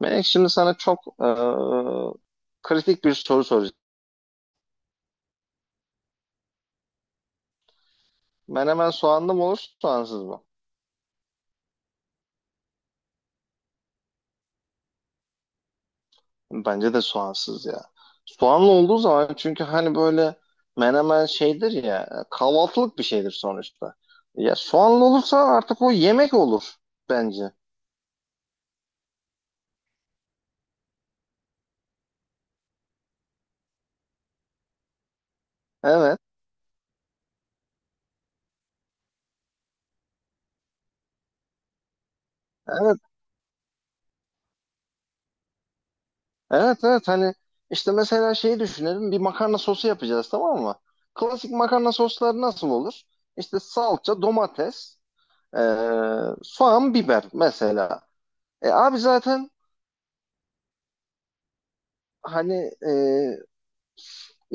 Melek şimdi sana çok kritik bir soru soracağım. Menemen soğanlı mı olur, soğansız mı? Bence de soğansız ya. Soğanlı olduğu zaman çünkü hani böyle menemen şeydir ya, kahvaltılık bir şeydir sonuçta. Ya soğanlı olursa artık o yemek olur bence. Evet, evet, evet, evet. Hani işte mesela şeyi düşünelim, bir makarna sosu yapacağız, tamam mı? Klasik makarna sosları nasıl olur? İşte salça, domates, ee, soğan, biber mesela. E abi zaten hani e,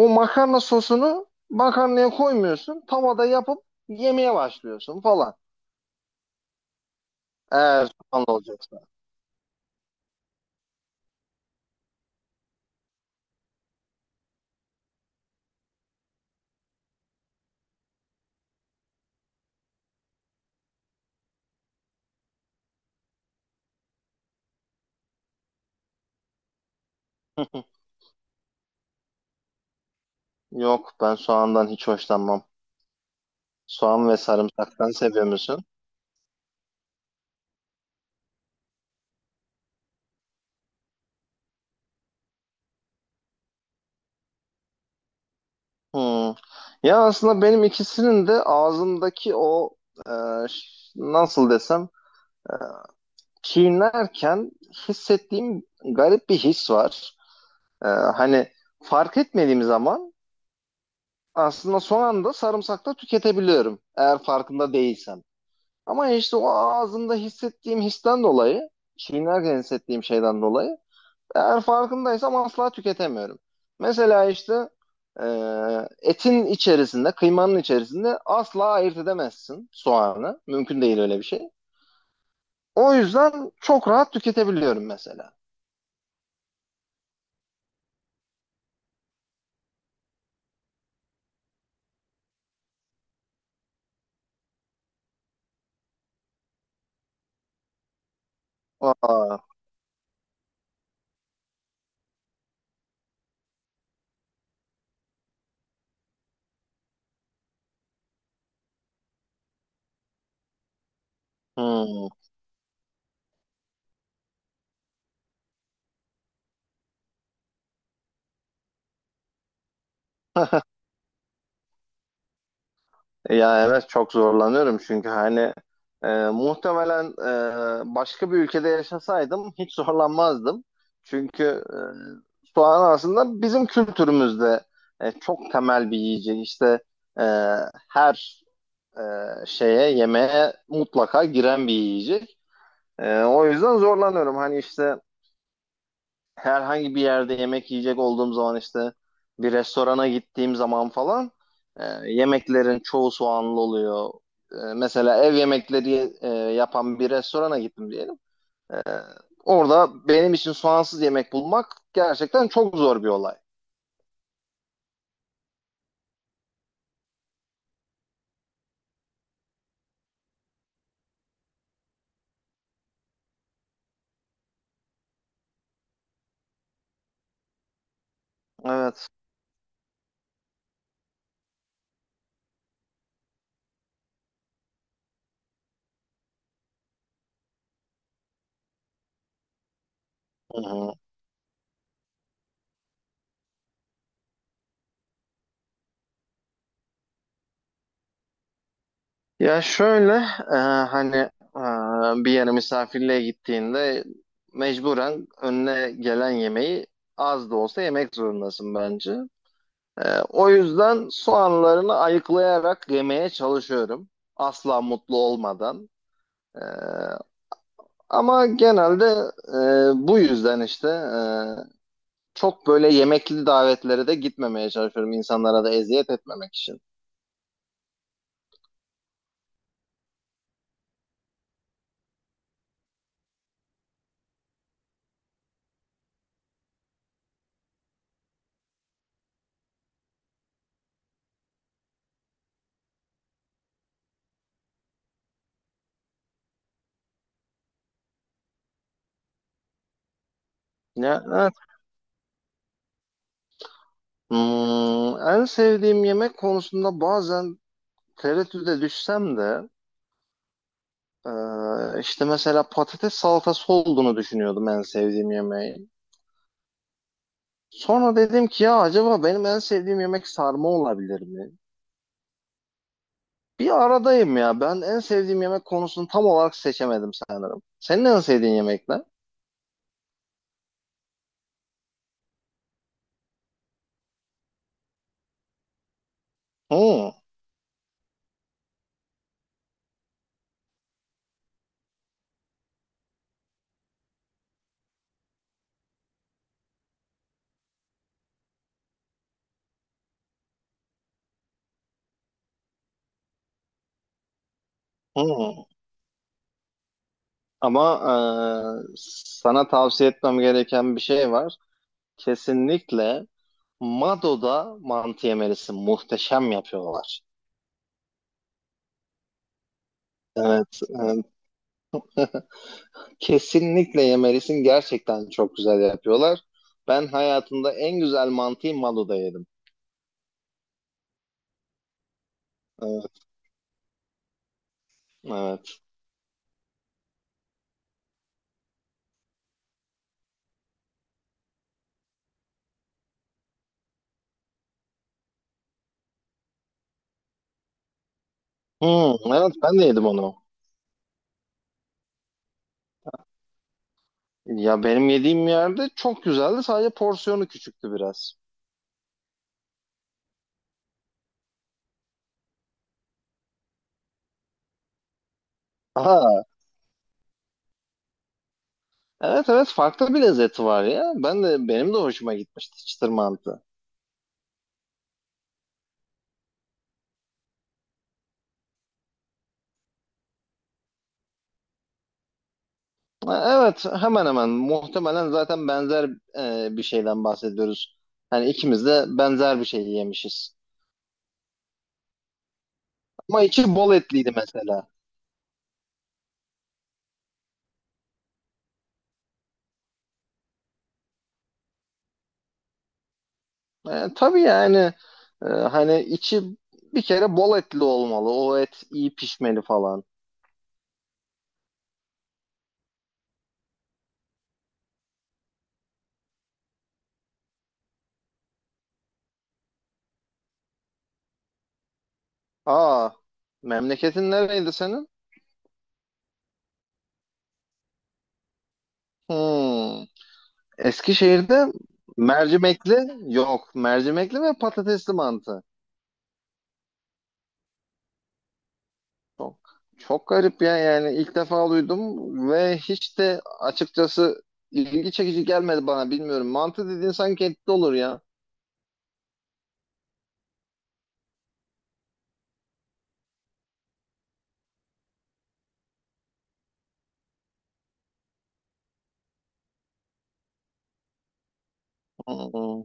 o makarna sosunu makarnaya koymuyorsun. Tavada yapıp yemeye başlıyorsun falan. Eğer soğanlı olacaksa. Yok, ben soğandan hiç hoşlanmam. Soğan ve sarımsaktan seviyor musun? Hmm. Ya aslında benim ikisinin de ağzımdaki e, nasıl desem, e, çiğnerken hissettiğim garip bir his var. Hani fark etmediğim zaman aslında son anda sarımsak da tüketebiliyorum eğer farkında değilsem. Ama işte o ağzımda hissettiğim histen dolayı, çiğnerken hissettiğim şeyden dolayı eğer farkındaysam asla tüketemiyorum. Mesela işte e, etin içerisinde, kıymanın içerisinde asla ayırt edemezsin soğanı. Mümkün değil öyle bir şey. O yüzden çok rahat tüketebiliyorum mesela. Aa, hmm. Ya evet, çok zorlanıyorum çünkü hani muhtemelen başka bir ülkede yaşasaydım hiç zorlanmazdım. Çünkü soğan aslında bizim kültürümüzde çok temel bir yiyecek. İşte e, her şeye, yemeğe mutlaka giren bir yiyecek. O yüzden zorlanıyorum. Hani işte herhangi bir yerde yemek yiyecek olduğum zaman, işte bir restorana gittiğim zaman falan, e, yemeklerin çoğu soğanlı oluyor. E, mesela ev yemekleri yapan bir restorana gittim diyelim. E, Orada benim için soğansız yemek bulmak gerçekten çok zor bir olay. Evet. Hı hı. Ya şöyle, e, hani bir yere misafirliğe gittiğinde mecburen önüne gelen yemeği az da olsa yemek zorundasın bence. O yüzden soğanlarını ayıklayarak yemeye çalışıyorum. Asla mutlu olmadan. E, Ama genelde bu yüzden işte çok böyle yemekli davetlere de gitmemeye çalışıyorum insanlara da eziyet etmemek için. Ya, evet. Hmm, en sevdiğim yemek konusunda bazen tereddüde düşsem de işte mesela patates salatası olduğunu düşünüyordum en sevdiğim yemeği. Sonra dedim ki ya acaba benim en sevdiğim yemek sarma olabilir mi? Bir aradayım ya. Ben en sevdiğim yemek konusunu tam olarak seçemedim sanırım. Senin en sevdiğin yemek ne? Hmm, hmm. Ama e, sana tavsiye etmem gereken bir şey var. Kesinlikle Mado'da mantı yemelisin. Muhteşem yapıyorlar. Evet, evet. Kesinlikle yemelisin. Gerçekten çok güzel yapıyorlar. Ben hayatımda en güzel mantıyı Malu'da yedim. Evet, evet. Hmm, evet ben de yedim onu. Ya benim yediğim yerde çok güzeldi. Sadece porsiyonu küçüktü biraz. Aha, evet, evet, farklı bir lezzeti var ya. Benim de hoşuma gitmişti çıtır mantı. Ha, evet, hemen hemen muhtemelen zaten benzer bir şeyden bahsediyoruz. Hani ikimiz de benzer bir şey yemişiz. Ama içi bol etliydi mesela. Tabii, yani hani içi bir kere bol etli olmalı. O et iyi pişmeli falan. Aa, memleketin nereydi senin? Hmm, Eskişehir'de mercimekli yok. Mercimekli ve patatesli mantı. Çok, çok garip ya, yani ilk defa duydum ve hiç de açıkçası ilgi çekici gelmedi bana, bilmiyorum. Mantı dediğin sanki etli olur ya. Hmm.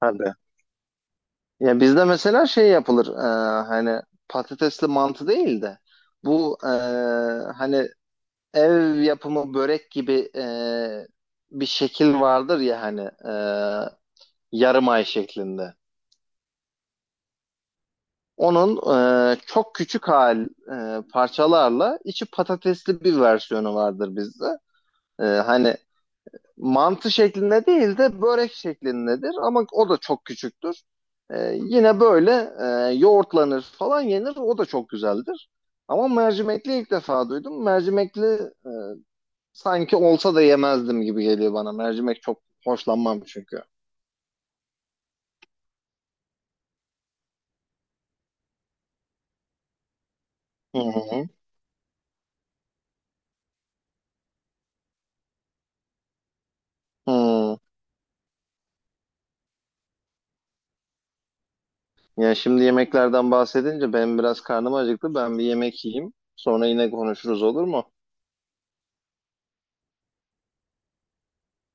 Hadi. Ya bizde mesela şey yapılır, hani patatesli mantı değil de bu, hani ev yapımı börek gibi bir şekil vardır ya, hani, yarım ay şeklinde. Onun çok küçük parçalarla içi patatesli bir versiyonu vardır bizde. Hani mantı şeklinde değil de börek şeklindedir ama o da çok küçüktür. Yine böyle yoğurtlanır falan, yenir, o da çok güzeldir. Ama mercimekli ilk defa duydum. Mercimekli sanki olsa da yemezdim gibi geliyor bana. Mercimek çok hoşlanmam çünkü. Hı hı. Hı. Ya şimdi yemeklerden bahsedince benim biraz karnım acıktı. Ben bir yemek yiyeyim. Sonra yine konuşuruz, olur mu?